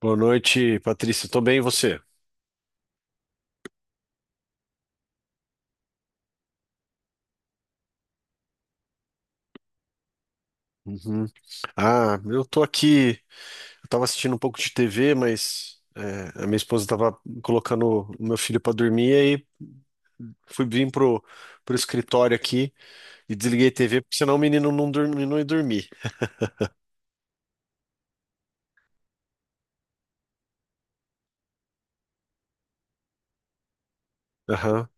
Boa noite, Patrícia. Tô bem, e você? Uhum. Ah, eu tô aqui. Eu tava assistindo um pouco de TV, mas a minha esposa tava colocando o meu filho pra dormir, e aí fui vir pro escritório aqui e desliguei a TV, porque senão o menino não dorme, não ia dormir. Aham.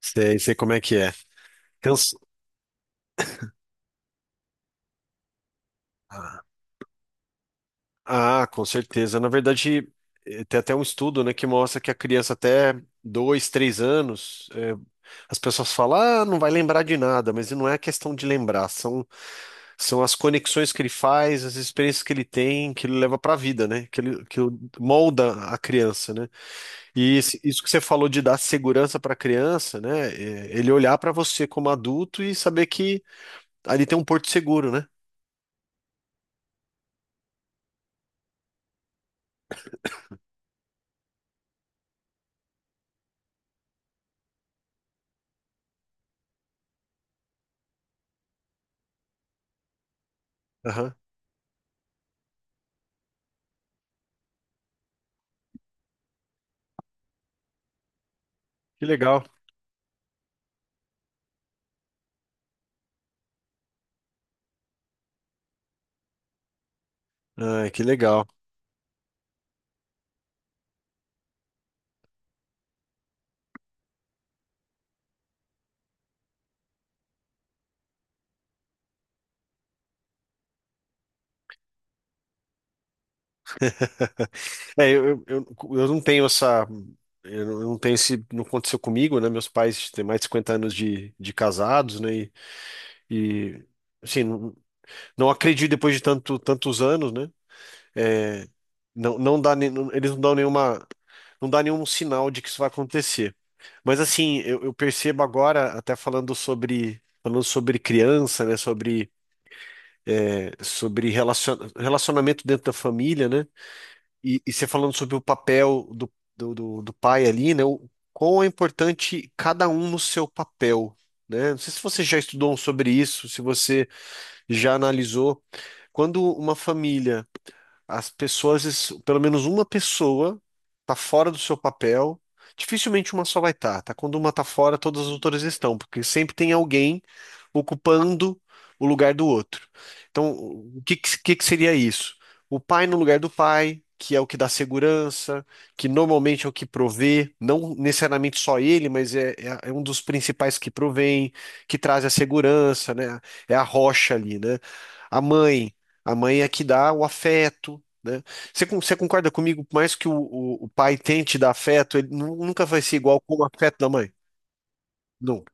Sei, sei como é que é. Cansa- Ah, com certeza. Na verdade, tem até um estudo, né, que mostra que a criança até dois, três anos. As pessoas falam: "Ah, não vai lembrar de nada", mas não é a questão de lembrar, são as conexões que ele faz, as experiências que ele tem, que ele leva para a vida, né? Que ele, molda a criança, né? E isso que você falou de dar segurança para a criança, né? É, ele olhar para você como adulto e saber que ali tem um porto seguro, né? Aham. Que legal. Ai, que legal. É, eu eu não tenho essa. Eu não tenho esse. Não aconteceu comigo, né? Meus pais têm mais de 50 anos de casados, né? E, assim, não, não acredito depois de tanto, tantos anos, né? É, não, eles não dão nenhuma, não dá nenhum sinal de que isso vai acontecer. Mas, assim, eu percebo agora, até falando sobre criança, né? Sobre, sobre relacionamento dentro da família, né? E você falando sobre o papel do pai ali, né? O, quão é importante cada um no seu papel. Né? Não sei se você já estudou sobre isso, se você já analisou quando uma família as pessoas, pelo menos uma pessoa, tá fora do seu papel. Dificilmente uma só vai estar, tá? Quando uma tá fora, todas as outras estão, porque sempre tem alguém ocupando o lugar do outro. Então, o que seria isso? O pai no lugar do pai, que é o que dá segurança, que normalmente é o que provê, não necessariamente só ele, mas é um dos principais que provém, que traz a segurança, né? É a rocha ali, né? A mãe, a mãe é a que dá o afeto, né? Você, você concorda comigo? Por mais que o pai tente dar afeto, ele nunca vai ser igual com o afeto da mãe. Nunca.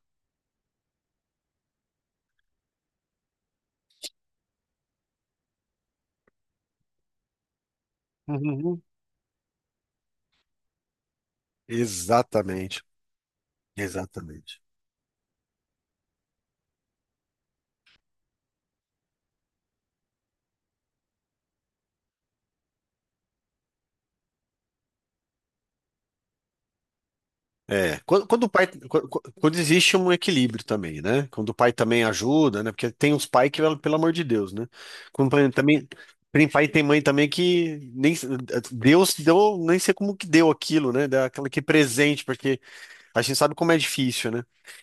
Uhum. Exatamente. Exatamente. É, quando o pai, quando existe um equilíbrio também, né? Quando o pai também ajuda, né? Porque tem uns pais que, pelo amor de Deus, né? Também tem pai e tem mãe também que nem Deus deu, nem sei como que deu aquilo, né? Dá aquela que é presente, porque a gente sabe como é difícil, né?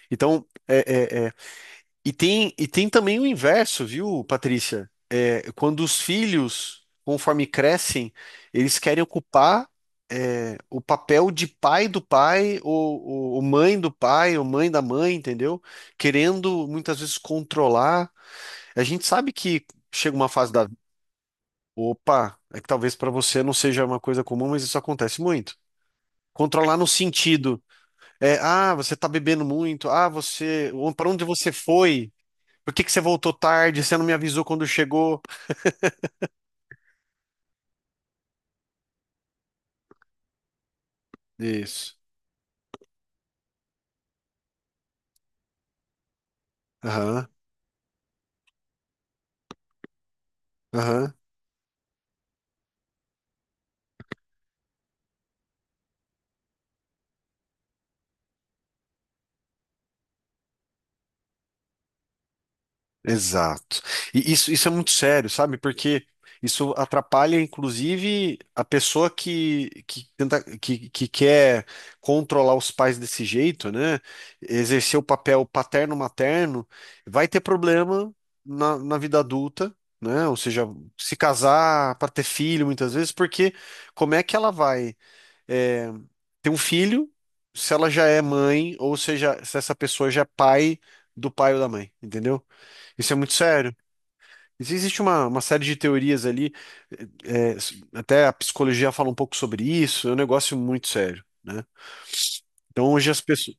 Então, é, é, e tem, e tem também o inverso, viu, Patrícia? É, quando os filhos, conforme crescem, eles querem ocupar, o papel de pai do pai, ou mãe do pai, ou mãe da mãe, entendeu? Querendo muitas vezes controlar. A gente sabe que chega uma fase da. Opa, é que talvez para você não seja uma coisa comum, mas isso acontece muito. Controlar no sentido, ah, você tá bebendo muito, ah, você, para onde você foi? Por que que você voltou tarde? Você não me avisou quando chegou? Isso. Aham, aham. Exato. E isso é muito sério, sabe? Porque isso atrapalha, inclusive, a pessoa que tenta, que quer controlar os pais desse jeito, né? Exercer o papel paterno-materno, vai ter problema na, na vida adulta, né? Ou seja, se casar para ter filho, muitas vezes, porque como é que ela vai? eh, Ter um filho, se ela já é mãe ou seja, se essa pessoa já é pai do pai ou da mãe, entendeu? Isso é muito sério. Existe uma série de teorias ali, eh, eh, até a psicologia fala um pouco sobre isso, é um negócio muito sério, né? Então hoje as pessoas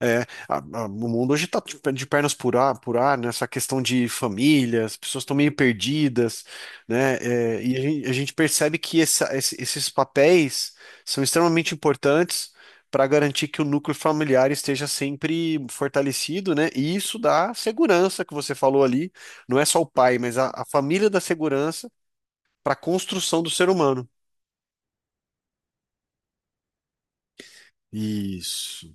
é, o mundo hoje está de pernas por ar, nessa questão de família, as pessoas estão meio perdidas, né? É, e a gente percebe que esses papéis são extremamente importantes para garantir que o núcleo familiar esteja sempre fortalecido, né? E isso dá segurança que você falou ali, não é só o pai, mas a família dá segurança para a construção do ser humano. Isso.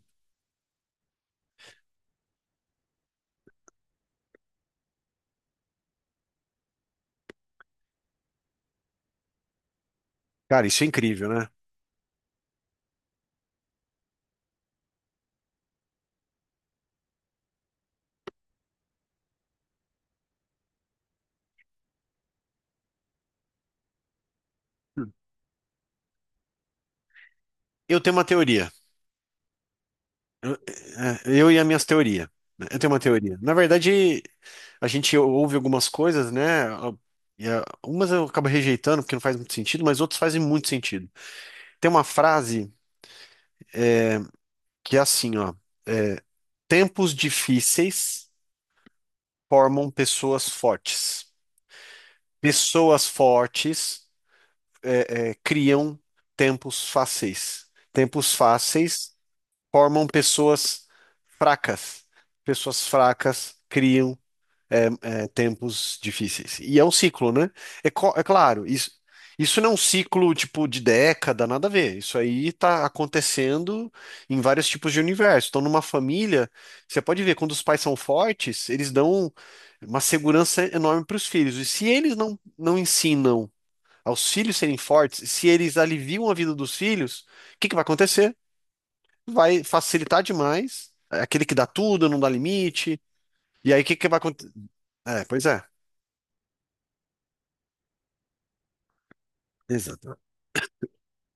Cara, isso é incrível, né? Eu tenho uma teoria. Eu, eu e as minhas teorias. Né? Eu tenho uma teoria. Na verdade, a gente ouve algumas coisas, né? E umas eu acabo rejeitando porque não faz muito sentido, mas outras fazem muito sentido. Tem uma frase que é assim, ó. é, Tempos difíceis formam pessoas fortes. Pessoas fortes criam tempos fáceis. Tempos fáceis formam pessoas fracas. Pessoas fracas criam tempos difíceis. E é um ciclo, né? É, é claro, isso não é um ciclo tipo de década, nada a ver. Isso aí tá acontecendo em vários tipos de universo. Então, numa família, você pode ver, quando os pais são fortes, eles dão uma segurança enorme para os filhos. E se eles não ensinam aos filhos serem fortes, se eles aliviam a vida dos filhos, o que que vai acontecer? Vai facilitar demais. É aquele que dá tudo, não dá limite. E aí, o que que vai acontecer? É, pois é. Exato.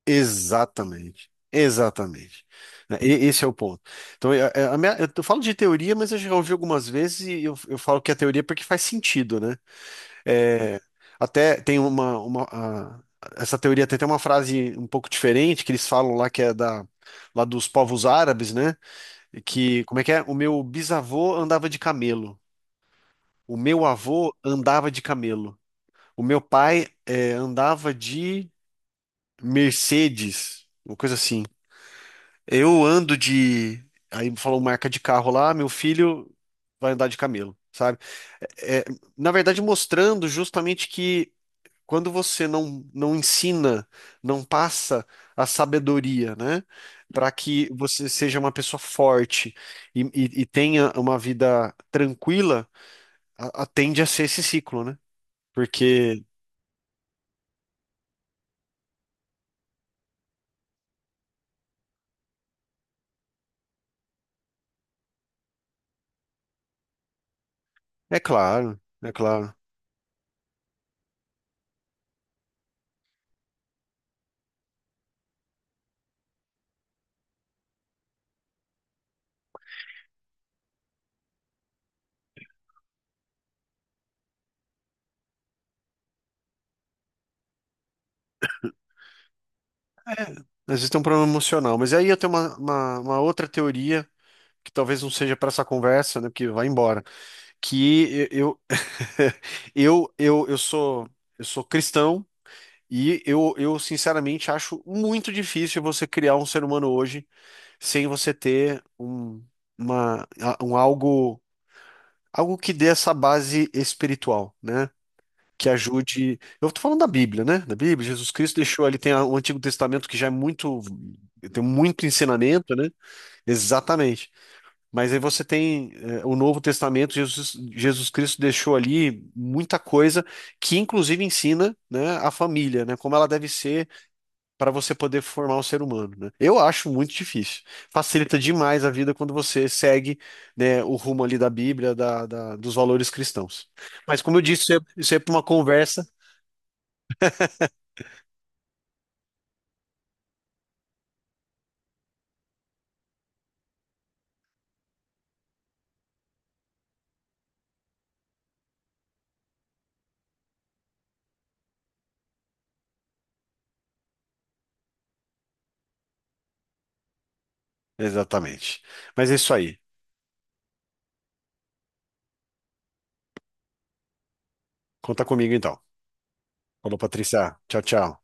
Exatamente. Exatamente. Né, esse é o ponto. Então, a eu falo de teoria, mas eu já ouvi algumas vezes e eu falo que é teoria porque faz sentido, né? É, até tem uma essa teoria tem até uma frase um pouco diferente que eles falam lá que é da lá dos povos árabes, né? E que como é que é? O meu bisavô andava de camelo, o meu avô andava de camelo, o meu pai andava de Mercedes, uma coisa assim. Eu ando de. Aí falou marca de carro lá, meu filho vai andar de camelo, sabe? É, é, Na verdade, mostrando justamente que quando você não ensina, não passa a sabedoria, né? Para que você seja uma pessoa forte e, e tenha uma vida tranquila, tende a ser esse ciclo, né? Porque, é claro, existe um problema emocional. Mas aí eu tenho uma outra teoria que talvez não seja para essa conversa, né? Porque vai embora. Que eu eu eu, eu sou eu sou cristão e eu sinceramente acho muito difícil você criar um ser humano hoje sem você ter um uma um algo algo que dê essa base espiritual, né? Que ajude. Eu estou falando da Bíblia, né? Da Bíblia, Jesus Cristo deixou ali, tem o Antigo Testamento que já é muito, tem muito ensinamento, né? Exatamente. Mas aí você tem o Novo Testamento, Jesus Cristo deixou ali muita coisa que inclusive ensina, né, a família, né, como ela deve ser para você poder formar um ser humano, né? Eu acho muito difícil. Facilita demais a vida quando você segue, né, o rumo ali da Bíblia, dos valores cristãos. Mas como eu disse, isso é para uma conversa. Exatamente. Mas é isso aí. Conta comigo então. Falou, Patrícia. Tchau, tchau.